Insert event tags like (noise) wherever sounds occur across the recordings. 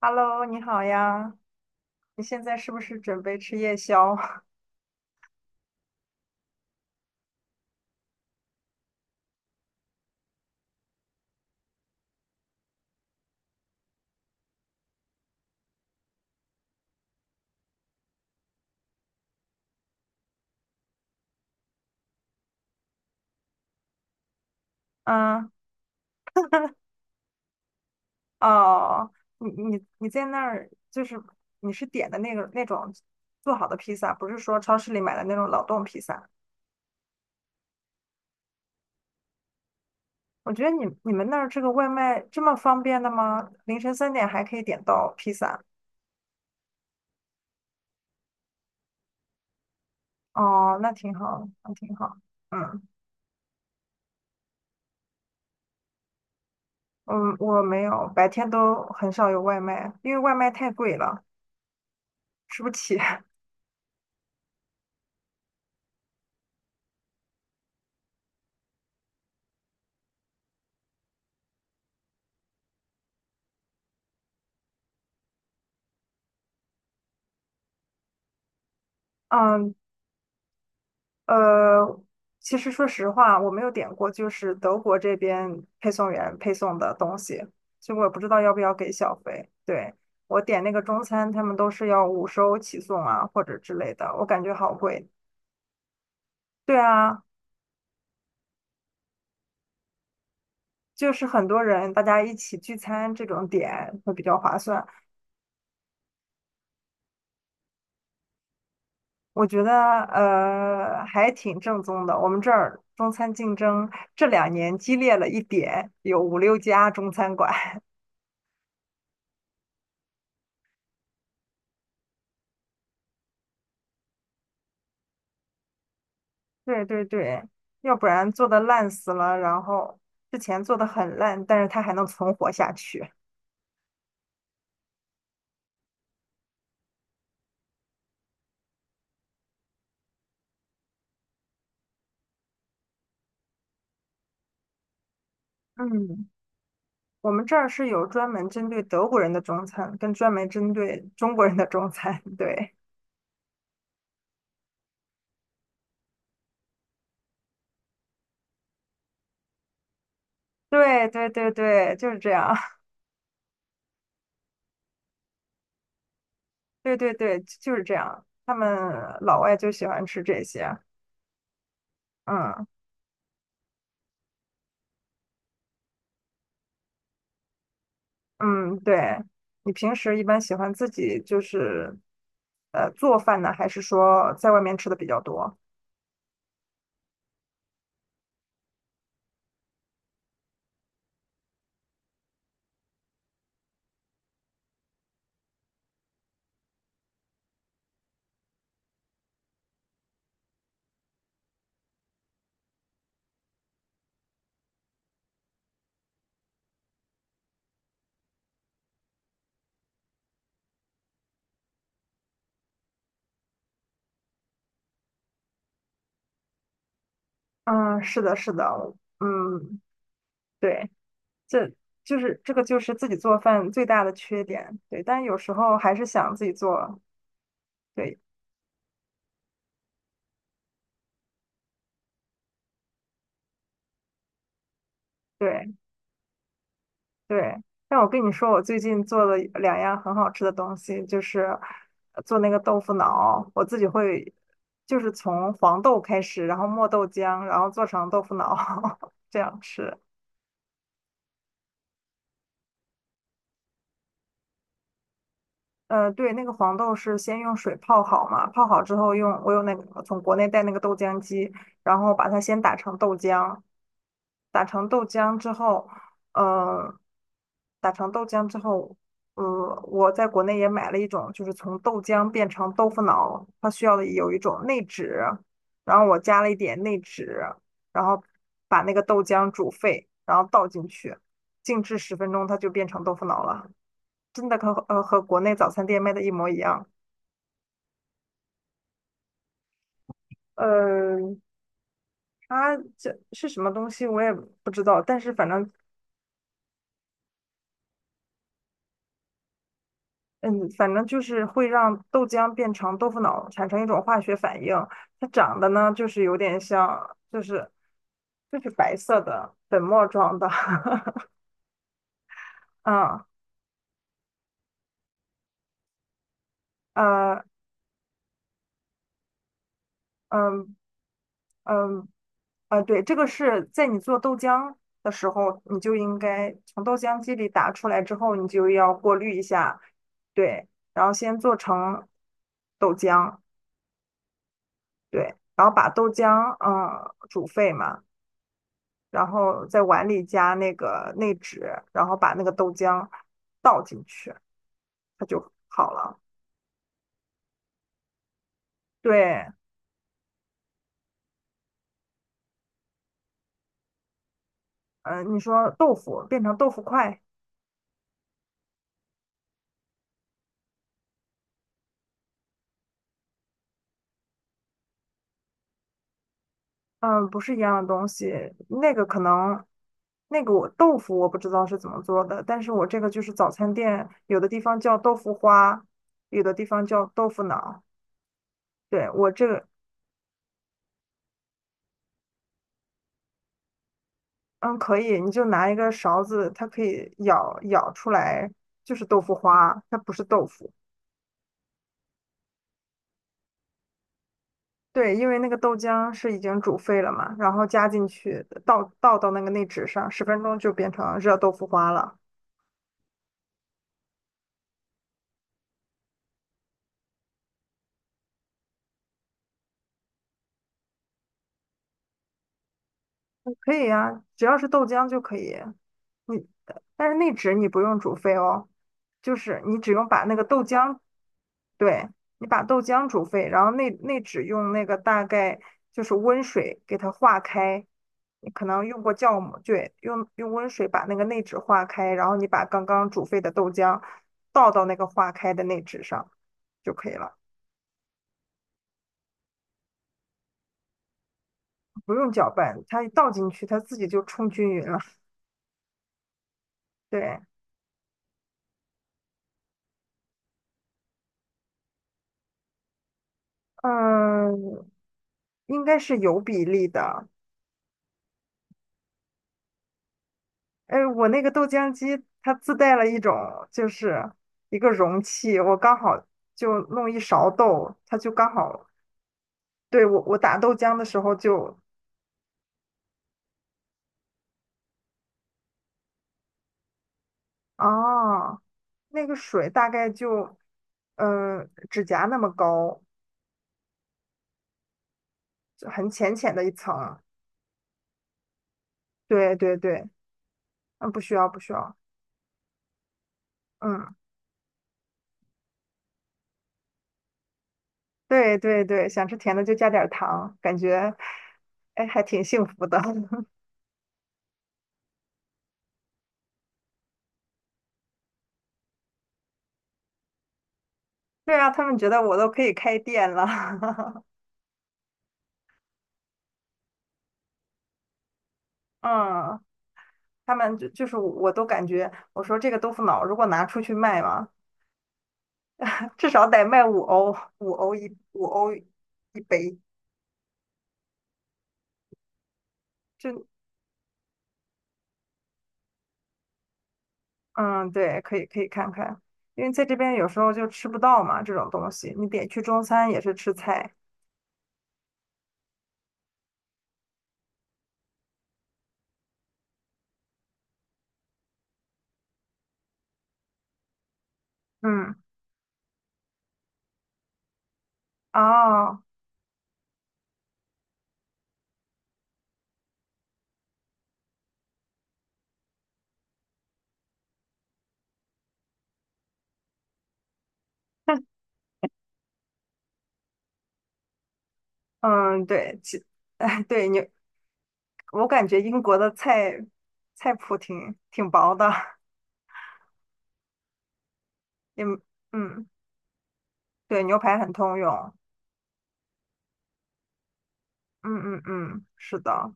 Hello，你好呀，你现在是不是准备吃夜宵？(laughs) 嗯，哦，你你你在那儿就是你是点的那个那种做好的披萨，不是说超市里买的那种冷冻披萨。我觉得你们那儿这个外卖这么方便的吗？凌晨3点还可以点到披萨，哦，那挺好，那挺好。嗯嗯，我没有，白天都很少有外卖，因为外卖太贵了，吃不起。(laughs) 嗯，呃，其实说实话，我没有点过，就是德国这边配送员配送的东西，所以我也不知道要不要给小费。对，我点那个中餐，他们都是要50欧起送啊，或者之类的，我感觉好贵。对啊，就是很多人大家一起聚餐这种点会比较划算，我觉得还挺正宗的。我们这儿中餐竞争这2年激烈了一点，有五六家中餐馆。对对对，要不然做的烂死了，然后之前做的很烂，但是它还能存活下去。嗯，我们这儿是有专门针对德国人的中餐，跟专门针对中国人的中餐。(laughs) 对，对对对对，就是这样。(laughs) 对对对，就是这样。他们老外就喜欢吃这些。嗯嗯，对。你平时一般喜欢自己就是做饭呢，还是说在外面吃的比较多？嗯，是的，是的，嗯，对，这就是这个就是自己做饭最大的缺点。对，但有时候还是想自己做。对对对，但我跟你说，我最近做了2样很好吃的东西，就是做那个豆腐脑，我自己会就是从黄豆开始，然后磨豆浆，然后做成豆腐脑 (laughs) 这样吃。对，那个黄豆是先用水泡好嘛，泡好之后用我有那个从国内带那个豆浆机，然后把它先打成豆浆。打成豆浆之后，呃，打成豆浆之后，呃，我在国内也买了一种，就是从豆浆变成豆腐脑，它需要的有一种内酯，然后我加了一点内酯，然后把那个豆浆煮沸，然后倒进去，静置十分钟，它就变成豆腐脑了，真的和和国内早餐店卖的一模一样。呃，它这是什么东西我也不知道，但是反正就是会让豆浆变成豆腐脑，产生一种化学反应。它长得呢，就是有点像，就是白色的粉末状的。(laughs) 嗯呃嗯嗯对，这个是在你做豆浆的时候，你就应该从豆浆机里打出来之后，你就要过滤一下，对，然后先做成豆浆，对，然后把豆浆煮沸嘛。然后在碗里加那个内酯，然后把那个豆浆倒进去，它就好了。对，嗯、你说豆腐变成豆腐块，嗯、不是一样的东西。那个可能，那个我豆腐我不知道是怎么做的，但是我这个就是早餐店有的地方叫豆腐花，有的地方叫豆腐脑。对，我这个，嗯，可以，你就拿一个勺子，它可以舀舀出来，就是豆腐花，它不是豆腐。对，因为那个豆浆是已经煮沸了嘛，然后加进去，倒到那个内酯上，十分钟就变成热豆腐花了。嗯可以呀、只要是豆浆就可以。你，但是内酯你不用煮沸哦，就是你只用把那个豆浆对，你把豆浆煮沸，然后内酯用那个大概就是温水给它化开，你可能用过酵母，对，用温水把那个内酯化开，然后你把刚刚煮沸的豆浆倒到那个化开的内酯上就可以了，不用搅拌，它一倒进去它自己就冲均匀了。对，嗯，应该是有比例的，哎，我那个豆浆机它自带了一种，就是一个容器，我刚好就弄一勺豆，它就刚好，对，我打豆浆的时候就，啊，那个水大概就，指甲那么高，就很浅浅的一层。对对对，嗯，不需要不需要，嗯，对对对，想吃甜的就加点儿糖，感觉，哎，还挺幸福的。(laughs) 对啊，他们觉得我都可以开店了，(laughs) 嗯。他们就是我都感觉，我说这个豆腐脑如果拿出去卖嘛，至少得卖五欧，5欧一杯。就嗯，对，可以可以看看，因为在这边有时候就吃不到嘛这种东西，你点去中餐也是吃菜。嗯，哦，嗯，对，(laughs) 哎，对你，我感觉英国的菜菜谱挺挺薄的，也嗯，对，牛排很通用。嗯嗯嗯，是的。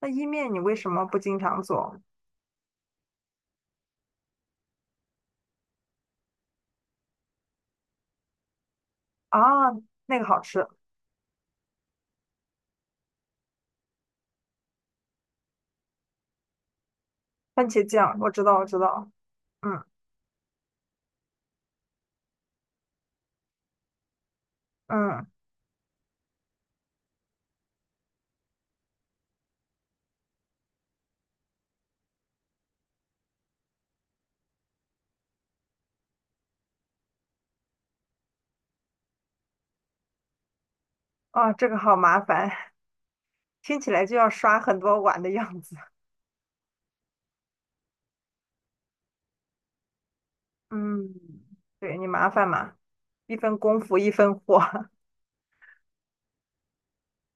那意面你为什么不经常做？啊，那个好吃，番茄酱，我知道，我知道，嗯嗯，啊，这个好麻烦，(laughs) 听起来就要刷很多碗的样子。嗯，对你麻烦嘛，一分功夫一分货，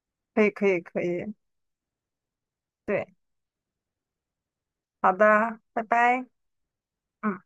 (laughs) 可以可以可以，对，好的，拜拜。嗯。